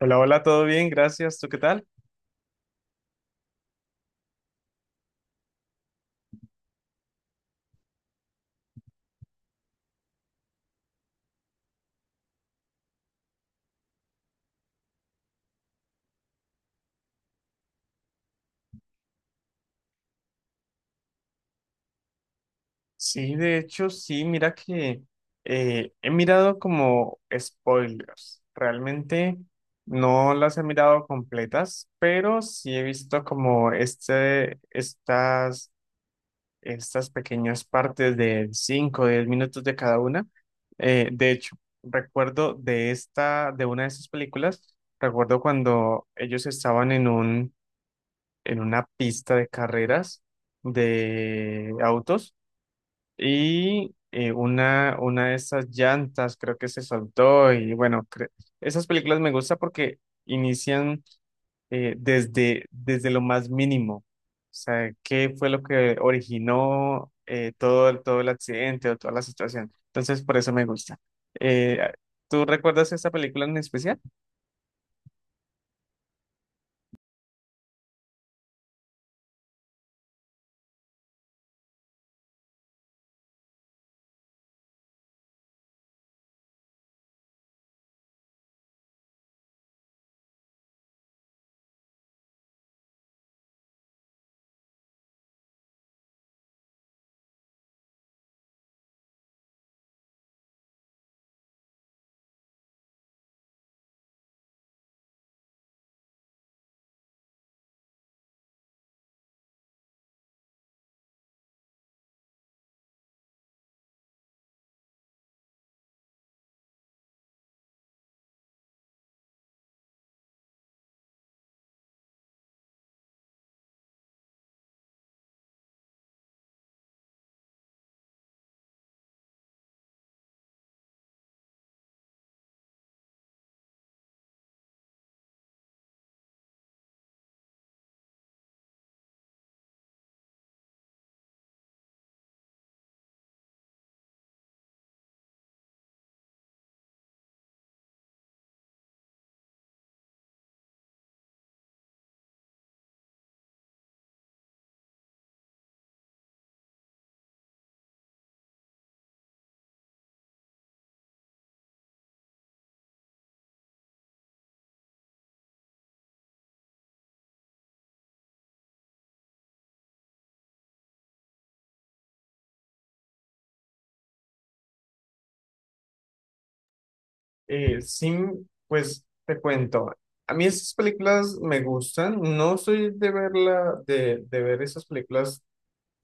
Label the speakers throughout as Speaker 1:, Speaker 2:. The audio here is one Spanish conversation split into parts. Speaker 1: Hola, hola, todo bien, gracias. ¿Tú qué tal? Sí, de hecho, sí, mira que he mirado como spoilers. Realmente no las he mirado completas, pero sí he visto como estas pequeñas partes de 5 o 10 minutos de cada una. De hecho, recuerdo de esta, de una de esas películas, recuerdo cuando ellos estaban en en una pista de carreras de autos y una de esas llantas creo que se soltó y bueno, esas películas me gustan porque inician desde lo más mínimo. O sea, ¿qué fue lo que originó todo, todo el accidente o toda la situación? Entonces, por eso me gusta. Eh, ¿Tú recuerdas esta película en especial? Sí, pues te cuento. A mí esas películas me gustan. No soy de verla, de ver esas películas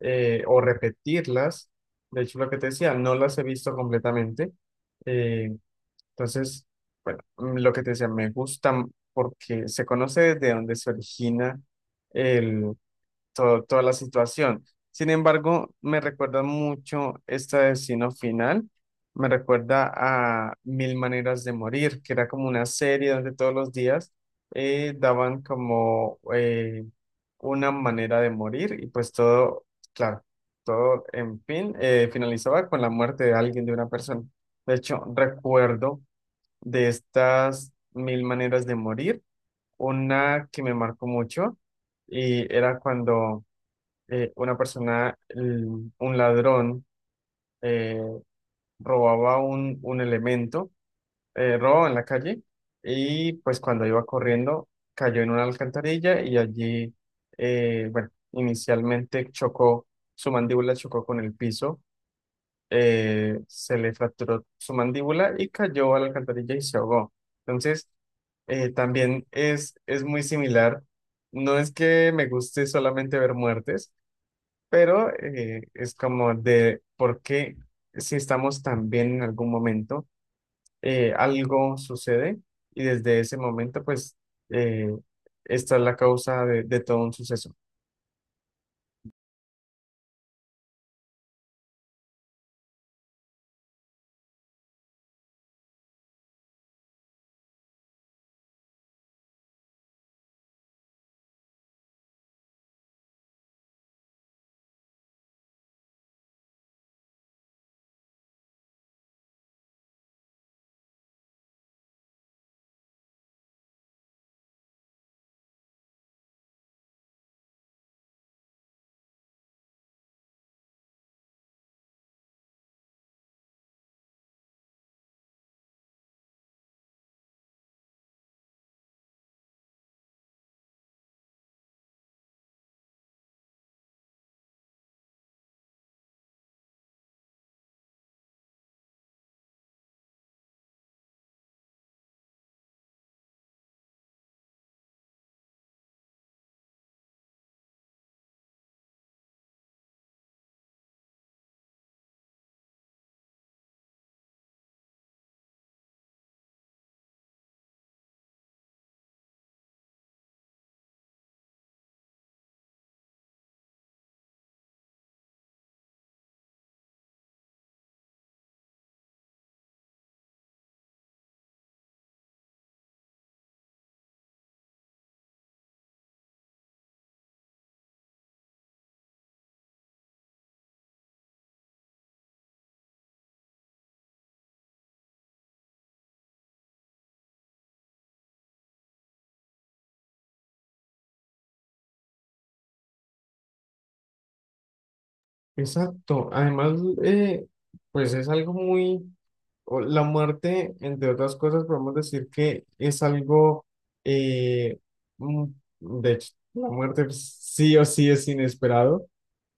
Speaker 1: o repetirlas. De hecho, lo que te decía, no las he visto completamente. Eh, Entonces, bueno, lo que te decía, me gusta porque se conoce desde dónde se origina el, toda la situación. Sin embargo, me recuerda mucho este destino final. Me recuerda a Mil Maneras de Morir, que era como una serie donde todos los días daban como una manera de morir y pues todo, claro, todo en fin, finalizaba con la muerte de alguien, de una persona. De hecho, recuerdo de estas mil maneras de morir, una que me marcó mucho y era cuando una persona, un ladrón, eh, robaba un elemento, robaba en la calle y pues cuando iba corriendo cayó en una alcantarilla y allí, bueno, inicialmente chocó, su mandíbula chocó con el piso se le fracturó su mandíbula y cayó a la alcantarilla y se ahogó. Entonces, también es muy similar. No es que me guste solamente ver muertes, pero es como de por qué si estamos tan bien en algún momento, algo sucede y desde ese momento, pues, eh, esta es la causa de todo un suceso. Exacto. Además, pues es algo muy... La muerte, entre otras cosas, podemos decir que es algo, eh, mm, de hecho, la muerte pues, sí o sí es inesperado,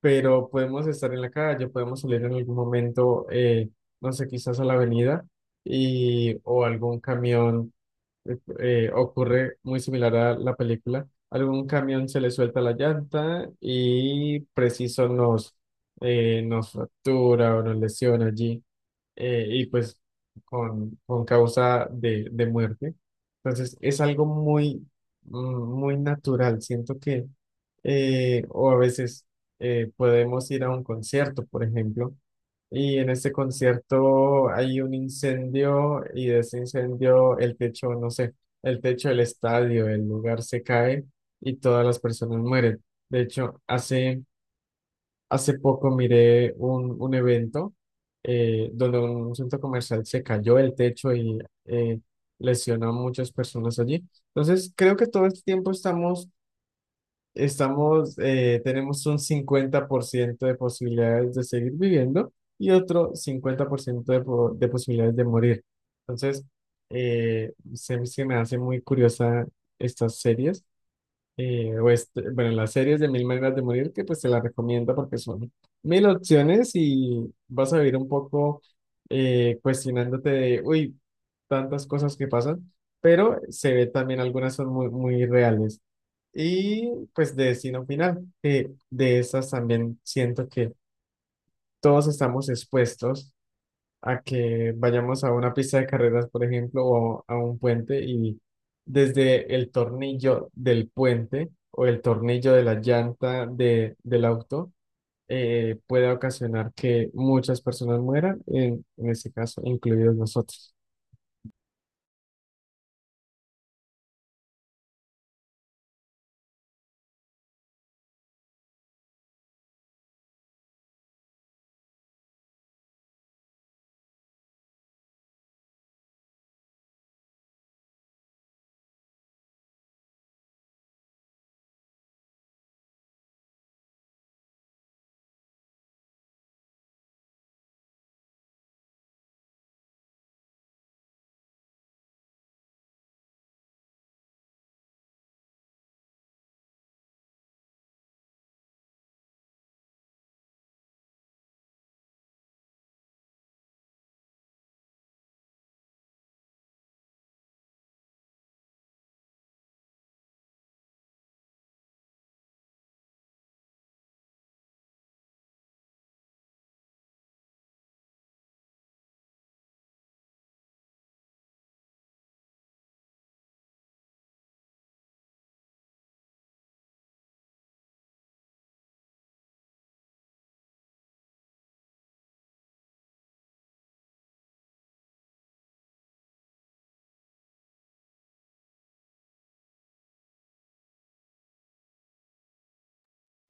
Speaker 1: pero podemos estar en la calle, podemos salir en algún momento, no sé, quizás a la avenida y, o algún camión ocurre muy similar a la película. Algún camión se le suelta la llanta y preciso nos, nos fractura o nos lesiona allí y pues con causa de muerte. Entonces es algo muy, mm, muy natural. Siento que, o a veces podemos ir a un concierto, por ejemplo, y en ese concierto hay un incendio y de ese incendio el techo, no sé, el techo del estadio, el lugar se cae y todas las personas mueren. De hecho, hace Hace poco miré un evento donde un centro comercial se cayó el techo y lesionó a muchas personas allí. Entonces, creo que todo este tiempo estamos tenemos un 50% de posibilidades de seguir viviendo y otro 50% de, de posibilidades de morir. Entonces, se me hace muy curiosa estas series bueno, las series de Mil Maneras de Morir, que pues te las recomiendo porque son mil opciones y vas a vivir un poco cuestionándote de, uy, tantas cosas que pasan, pero se ve también algunas son muy, muy reales. Y pues de Destino Final, que de esas también siento que todos estamos expuestos a que vayamos a una pista de carreras, por ejemplo, o a un puente y desde el tornillo del puente o el tornillo de la llanta de, del auto puede ocasionar que muchas personas mueran, en este caso, incluidos nosotros.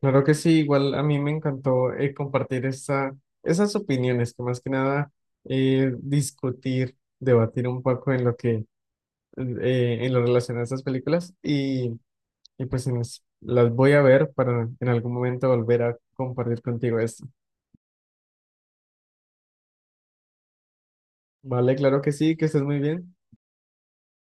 Speaker 1: Claro que sí, igual a mí me encantó compartir esa, esas opiniones, que más que nada discutir, debatir un poco en lo que, en lo relacionado a estas películas y pues en las voy a ver para en algún momento volver a compartir contigo esto. Vale, claro que sí, que estés muy bien.